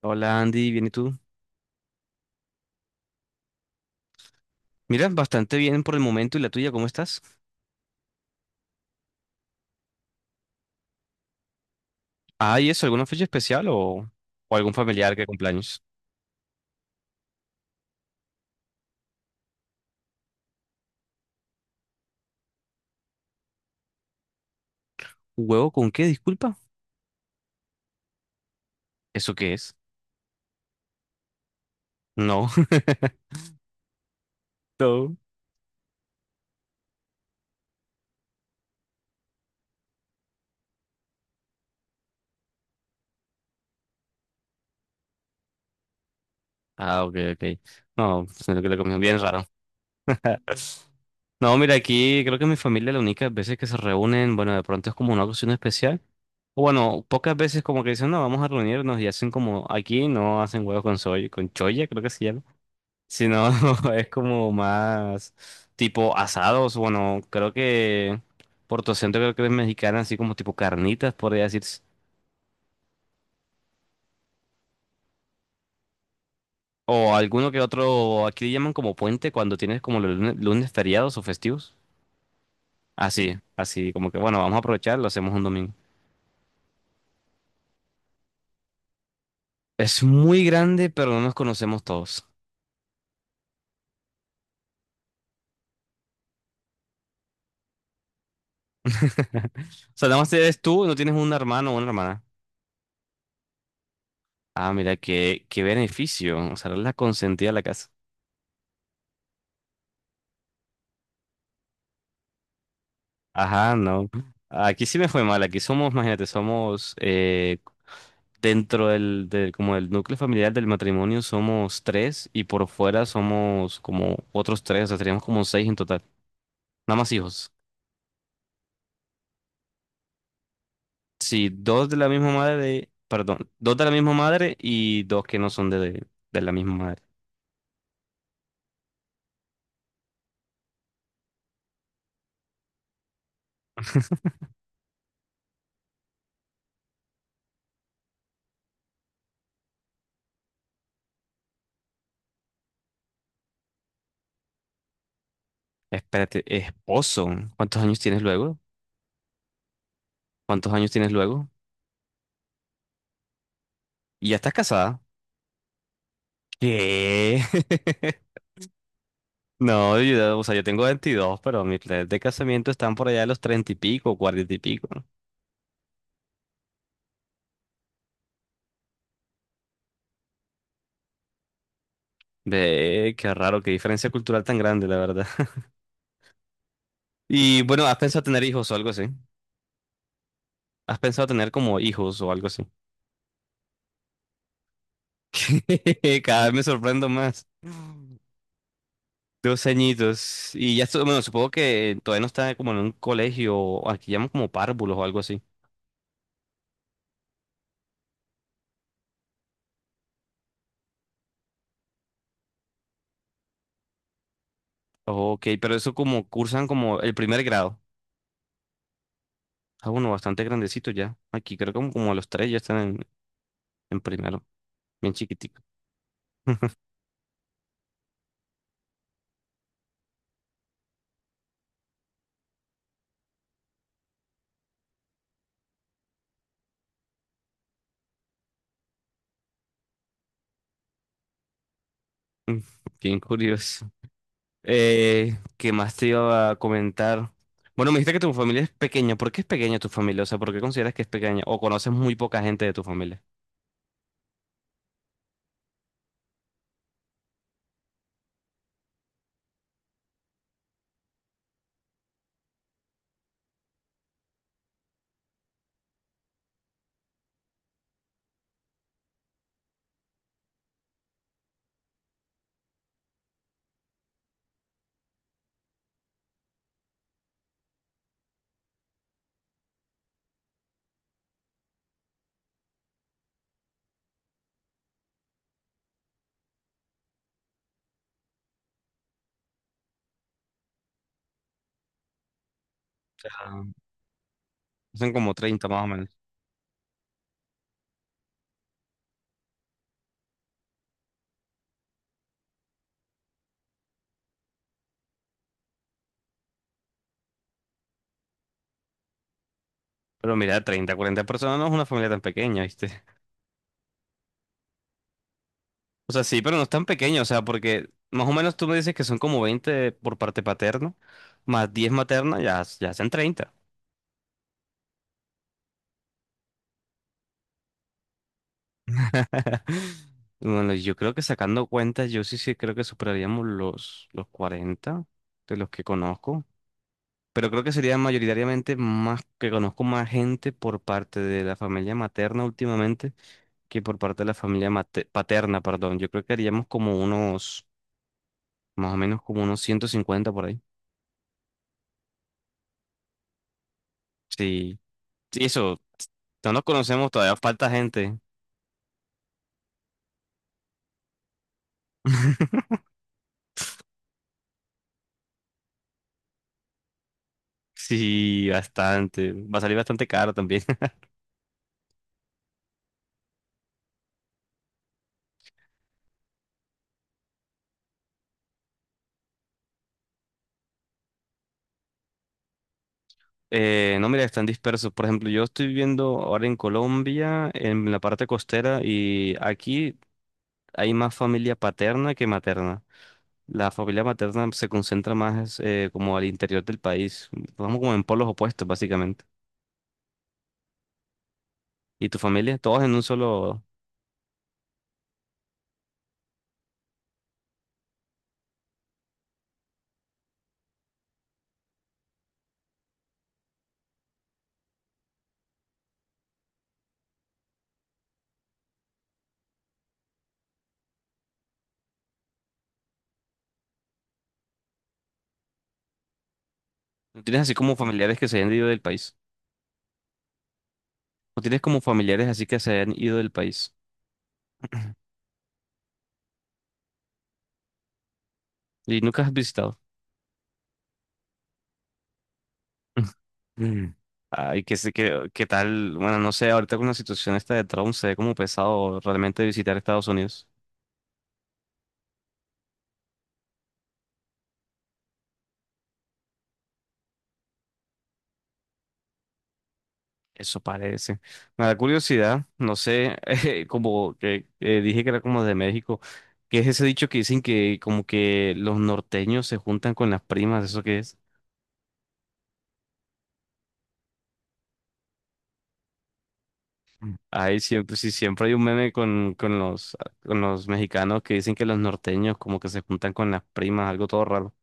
Hola Andy, ¿bien y tú? Mira, bastante bien por el momento. ¿Y la tuya, cómo estás? Ah, ¿y eso? ¿Alguna fecha especial o algún familiar que cumpleaños? ¿Huevo con qué? Disculpa. ¿Eso qué es? No. No. Ah, OK, OK. No, pues, sino que le comí bien raro. No, mira, aquí creo que mi familia la única veces que se reúnen, bueno, de pronto es como una ocasión especial. O bueno, pocas veces como que dicen, no, vamos a reunirnos y hacen como aquí, no hacen huevo con soy, con choya, creo que se llama. Si no, es como más tipo asados. Bueno, creo que por tu acento creo que es mexicana, así como tipo carnitas, podría decirse. O alguno que otro, aquí le llaman como puente cuando tienes como los lunes, lunes feriados o festivos. Así, así, como que bueno, vamos a aprovechar, lo hacemos un domingo. Es muy grande, pero no nos conocemos todos. O sea, nada más eres tú, no tienes un hermano o una hermana. Ah, mira, qué beneficio. O sea, eres la consentida de la casa. Ajá, no. Aquí sí me fue mal. Aquí somos, imagínate, somos dentro del como del núcleo familiar del matrimonio somos tres y por fuera somos como otros tres, o sea, seríamos como seis en total. Nada más hijos. Sí, dos de la misma madre, perdón, dos de la misma madre y dos que no son de la misma madre. Espérate, esposo, ¿cuántos años tienes luego? ¿Cuántos años tienes luego? ¿Y ya estás casada? ¿Qué? No, yo, o sea, yo tengo 22, pero mis planes de casamiento están por allá de los 30 y pico, cuarenta y pico. Ve, qué raro, qué diferencia cultural tan grande, la verdad. Y bueno, ¿has pensado tener hijos o algo así? ¿Has pensado tener como hijos o algo así? Cada vez me sorprendo más. 2 añitos. Y ya, bueno, supongo que todavía no está como en un colegio, o aquí llaman como párvulos o algo así. OK, pero eso como cursan como el primer grado. Ah, bueno, bastante grandecito ya. Aquí creo que como, a los tres ya están en primero, bien chiquitico. Bien curioso. ¿Qué más te iba a comentar? Bueno, me dijiste que tu familia es pequeña. ¿Por qué es pequeña tu familia? O sea, ¿por qué consideras que es pequeña? ¿O conoces muy poca gente de tu familia? Ah, son como 30 más o menos. Pero mira, 30, 40 personas no es una familia tan pequeña, ¿viste? O sea, sí, pero no es tan pequeña. O sea, porque más o menos tú me dices que son como 20 por parte paterna, más 10 materna, ya, ya hacen 30. Bueno, yo creo que sacando cuentas, yo sí, sí creo que superaríamos los 40 de los que conozco, pero creo que sería mayoritariamente más que conozco más gente por parte de la familia materna últimamente que por parte de la familia paterna, perdón. Yo creo que haríamos como unos, más o menos como unos 150 por ahí. Sí, sí, eso, no nos conocemos, todavía falta gente. Sí, bastante. Va a salir bastante caro también. No, mira, están dispersos. Por ejemplo, yo estoy viviendo ahora en Colombia, en la parte costera, y aquí hay más familia paterna que materna. La familia materna se concentra más como al interior del país. Vamos como en polos opuestos, básicamente. ¿Y tu familia? Todos en un solo... ¿No tienes así como familiares que se hayan ido del país? ¿O tienes como familiares así que se hayan ido del país? ¿Y nunca has visitado? Mm. Ay, qué tal. Bueno, no sé, ahorita con la situación esta de Trump se ve como pesado realmente visitar Estados Unidos. Eso parece. Me da curiosidad, no sé, como que dije que era como de México, ¿qué es ese dicho que dicen que como que los norteños se juntan con las primas? ¿Eso qué es? Mm. Ay, siempre, sí, siempre hay un meme con los mexicanos que dicen que los norteños como que se juntan con las primas, algo todo raro.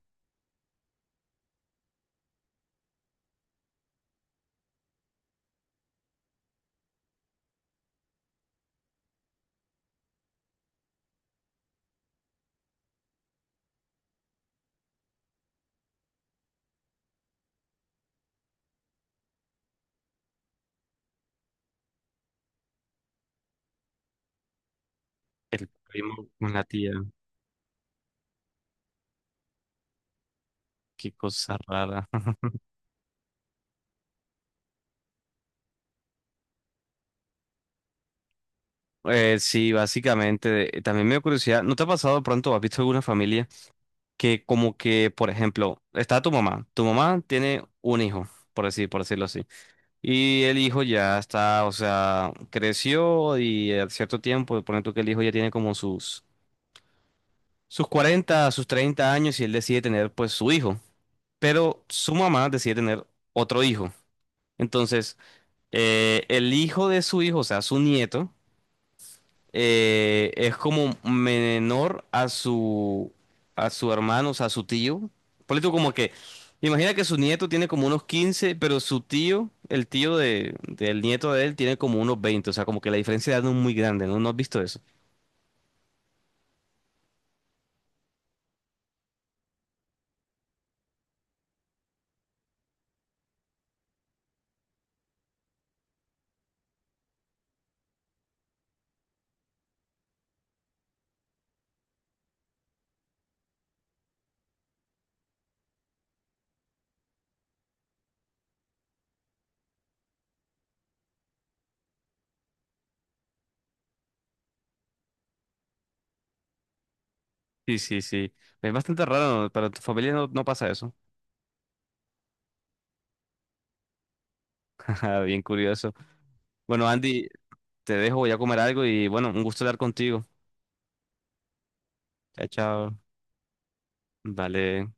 El primo con la tía, qué cosa rara. Sí, básicamente. También me dio curiosidad. ¿No te ha pasado de pronto, has visto alguna familia que como que, por ejemplo, está tu mamá. Tu mamá tiene un hijo, por decirlo así. Y el hijo ya está, o sea, creció y a cierto tiempo, pone tú que el hijo ya tiene como sus, 40 sus 30 años y él decide tener pues su hijo. Pero su mamá decide tener otro hijo. Entonces, el hijo de su hijo, o sea, su nieto. Es como menor a su hermano, o sea, a su tío. Ponle tú como que, imagina que su nieto tiene como unos 15 pero su tío, el tío del nieto de él, tiene como unos 20 o sea, como que la diferencia de edad no es muy grande, ¿no? ¿No has visto eso? Sí, sí, sí. Es bastante raro, ¿no? Para tu familia no, no pasa eso. Bien curioso. Bueno, Andy, te dejo, voy a comer algo y bueno, un gusto hablar contigo. Chao, chao. Vale.